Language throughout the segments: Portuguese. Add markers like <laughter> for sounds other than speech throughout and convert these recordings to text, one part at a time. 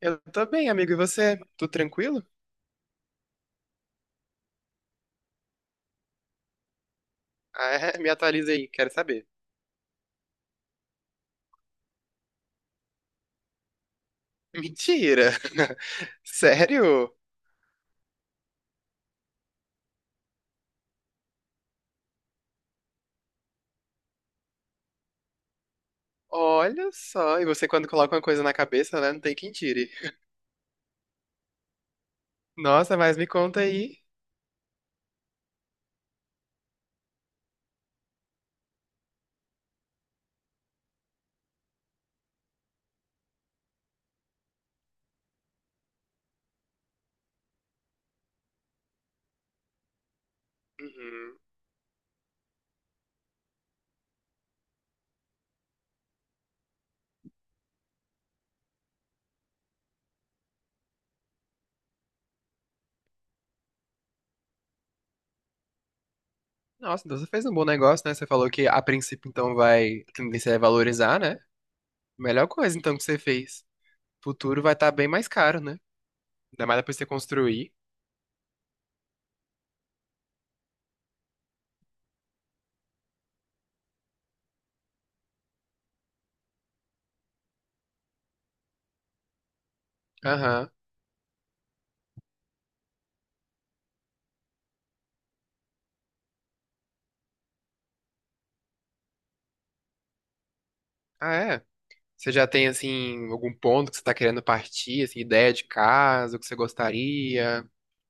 Eu tô bem, amigo. E você? Tudo tranquilo? Ah, é? Me atualiza aí, quero saber. Mentira! <laughs> Sério? Olha só, e você quando coloca uma coisa na cabeça, né? Não tem quem tire. Nossa, mas me conta aí. Uhum. Nossa, então você fez um bom negócio, né? Você falou que a princípio então vai, a tendência é valorizar, né? Melhor coisa então que você fez. Futuro vai estar bem mais caro, né? Ainda mais depois de você construir. Aham. Ah, é? Você já tem, assim, algum ponto que você tá querendo partir, assim, ideia de casa, o que você gostaria?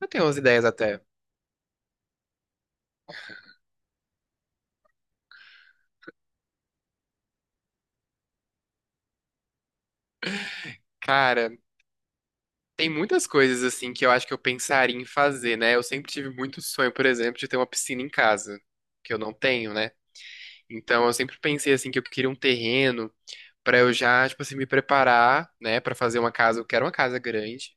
Eu tenho umas ideias até. Cara, tem muitas coisas, assim, que eu acho que eu pensaria em fazer, né? Eu sempre tive muito sonho, por exemplo, de ter uma piscina em casa, que eu não tenho, né? Então eu sempre pensei, assim, que eu queria um terreno pra eu já, tipo assim, me preparar, né, pra fazer uma casa. Eu quero uma casa grande,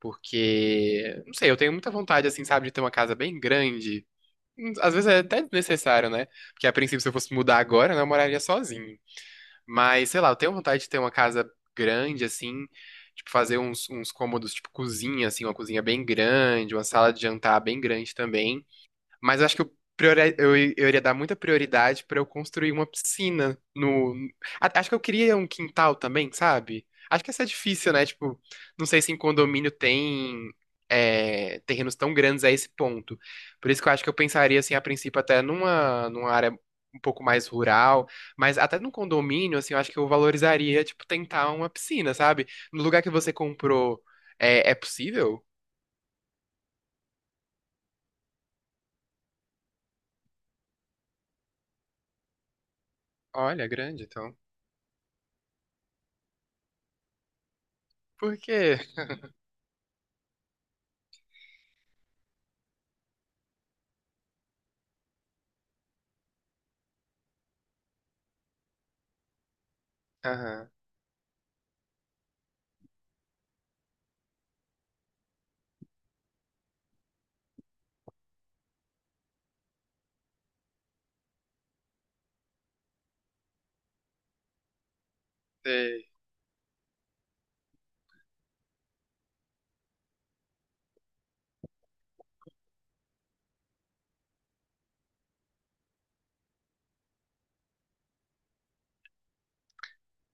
porque, não sei, eu tenho muita vontade, assim, sabe, de ter uma casa bem grande. Às vezes é até desnecessário, né? Porque a princípio, se eu fosse mudar agora, né, eu moraria sozinho. Mas, sei lá, eu tenho vontade de ter uma casa grande, assim, tipo, fazer uns, uns cômodos, tipo, cozinha, assim, uma cozinha bem grande, uma sala de jantar bem grande também. Mas eu acho que eu, eu iria dar muita prioridade pra eu construir uma piscina no. Acho que eu queria um quintal também, sabe? Acho que essa é difícil, né? Tipo, não sei se em condomínio tem é, terrenos tão grandes a esse ponto. Por isso que eu acho que eu pensaria, assim, a princípio, até numa, numa área um pouco mais rural. Mas até num condomínio, assim, eu acho que eu valorizaria, tipo, tentar uma piscina, sabe? No lugar que você comprou, é, é possível? Olha, grande, então. Por quê? Aham.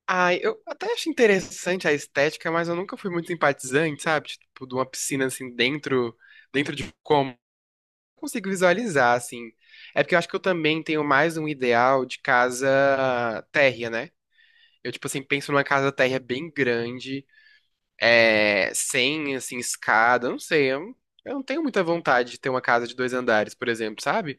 Ai, eu até acho interessante a estética, mas eu nunca fui muito simpatizante, sabe? Tipo, de uma piscina assim dentro, dentro de como eu consigo visualizar assim. É porque eu acho que eu também tenho mais um ideal de casa térrea, né? Eu tipo assim penso numa casa térrea bem grande, é, sem assim escada, eu não sei, eu não tenho muita vontade de ter uma casa de dois andares, por exemplo, sabe?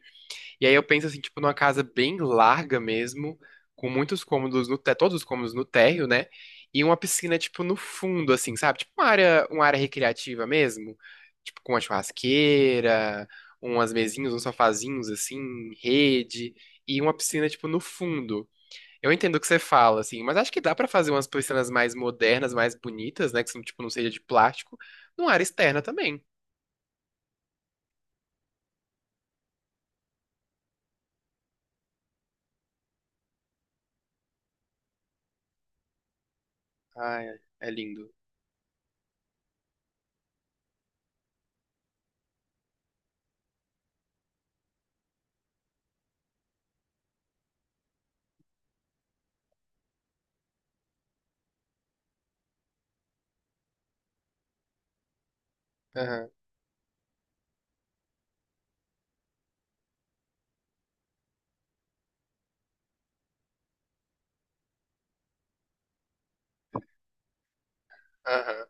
E aí eu penso assim, tipo, numa casa bem larga mesmo, com muitos cômodos no térreo, todos os cômodos no térreo, né? E uma piscina, tipo, no fundo, assim, sabe? Tipo uma área recreativa mesmo, tipo, com uma churrasqueira, umas mesinhas, uns sofazinhos, assim, rede, e uma piscina, tipo, no fundo. Eu entendo o que você fala, assim, mas acho que dá pra fazer umas piscinas mais modernas, mais bonitas, né? Que são, tipo, não seja de plástico, numa área externa também. Ai, é é lindo. Aham, aham.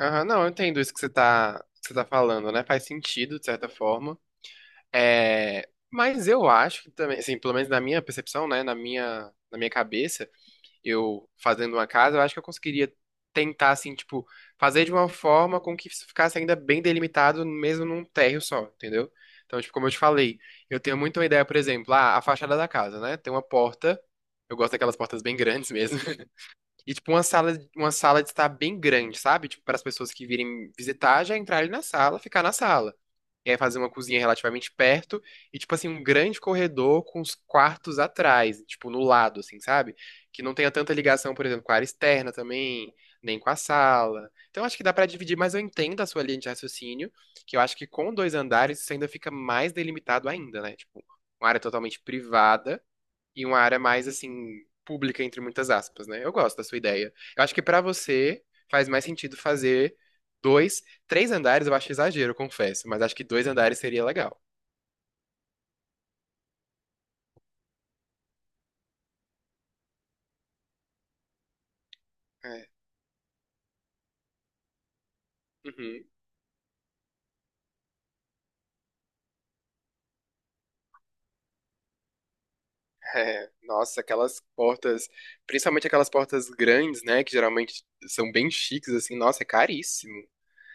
Aham, não, eu entendo isso que você tá falando, né? Faz sentido, de certa forma. É, mas eu acho que também, assim, pelo menos na minha percepção, né? Na minha cabeça, eu fazendo uma casa, eu acho que eu conseguiria tentar, assim, tipo, fazer de uma forma com que isso ficasse ainda bem delimitado, mesmo num térreo só, entendeu? Então, tipo, como eu te falei, eu tenho muito uma ideia, por exemplo, ah, a fachada da casa, né? Tem uma porta, eu gosto daquelas portas bem grandes <laughs> mesmo. E, tipo, uma sala de estar bem grande, sabe? Tipo, para as pessoas que virem visitar, já entrar ali na sala, ficar na sala. E aí fazer uma cozinha relativamente perto e, tipo assim, um grande corredor com os quartos atrás, tipo, no lado, assim, sabe? Que não tenha tanta ligação, por exemplo, com a área externa também, nem com a sala. Então, acho que dá para dividir, mas eu entendo a sua linha de raciocínio, que eu acho que com dois andares isso ainda fica mais delimitado ainda, né? Tipo, uma área totalmente privada e uma área mais assim pública entre muitas aspas, né? Eu gosto da sua ideia. Eu acho que pra você faz mais sentido fazer dois, três andares, eu acho exagero, eu confesso, mas acho que dois andares seria legal. É. Uhum. É. Nossa, aquelas portas, principalmente aquelas portas grandes, né, que geralmente são bem chiques assim, nossa, é caríssimo.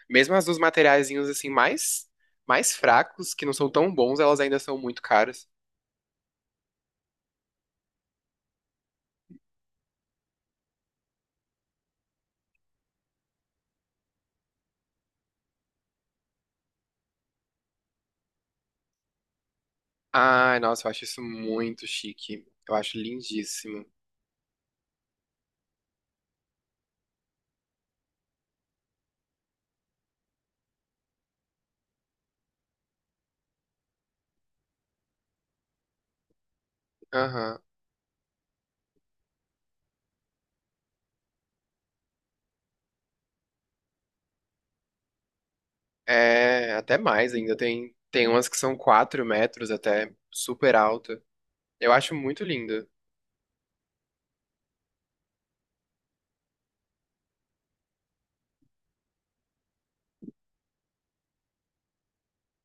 Mesmo as dos materiaizinhos assim mais mais fracos, que não são tão bons, elas ainda são muito caras. Ai, nossa, eu acho isso muito chique. Eu acho lindíssimo. Aham. É, até mais ainda. Tem, tem umas que são 4 metros até, super alta. Eu acho muito linda.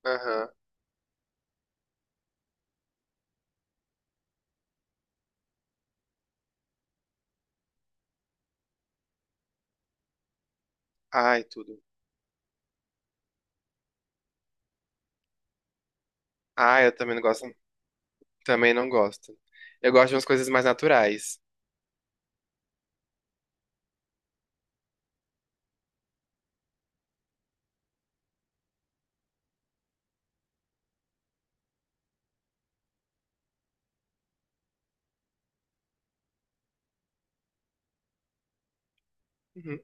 Aham. Ai, tudo. Ai, eu também não gosto. Também não gosto. Eu gosto de umas coisas mais naturais. Uhum.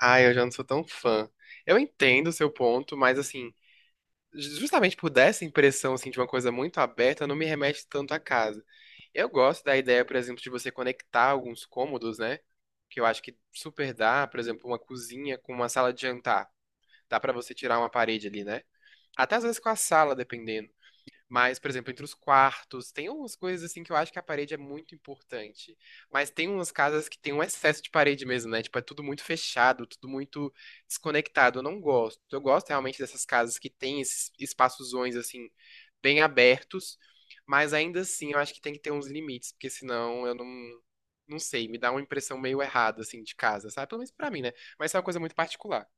Ai, eu já não sou tão fã. Eu entendo o seu ponto, mas assim, justamente por dar essa impressão assim, de uma coisa muito aberta, não me remete tanto à casa. Eu gosto da ideia, por exemplo, de você conectar alguns cômodos, né? Que eu acho que super dá, por exemplo, uma cozinha com uma sala de jantar. Dá pra você tirar uma parede ali, né? Até às vezes com a sala, dependendo. Mas, por exemplo, entre os quartos, tem umas coisas assim que eu acho que a parede é muito importante. Mas tem umas casas que tem um excesso de parede mesmo, né? Tipo, é tudo muito fechado, tudo muito desconectado. Eu não gosto. Eu gosto realmente dessas casas que tem esses espaçozões assim bem abertos, mas ainda assim eu acho que tem que ter uns limites, porque senão eu não não sei, me dá uma impressão meio errada assim de casa, sabe? Pelo menos pra mim, né? Mas isso é uma coisa muito particular.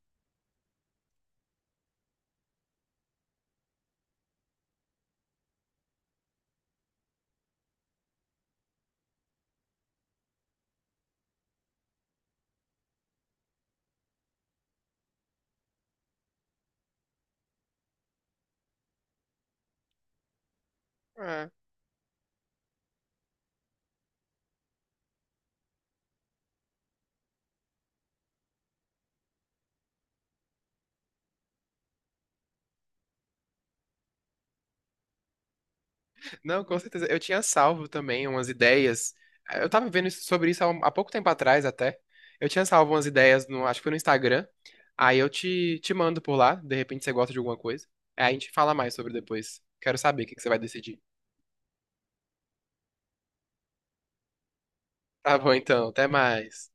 Não, com certeza. Eu tinha salvo também umas ideias. Eu tava vendo sobre isso há, há pouco tempo atrás até. Eu tinha salvo umas ideias no, acho que foi no Instagram. Aí eu te, te mando por lá, de repente você gosta de alguma coisa. Aí a gente fala mais sobre depois. Quero saber o que que você vai decidir. Tá bom, então. Até mais.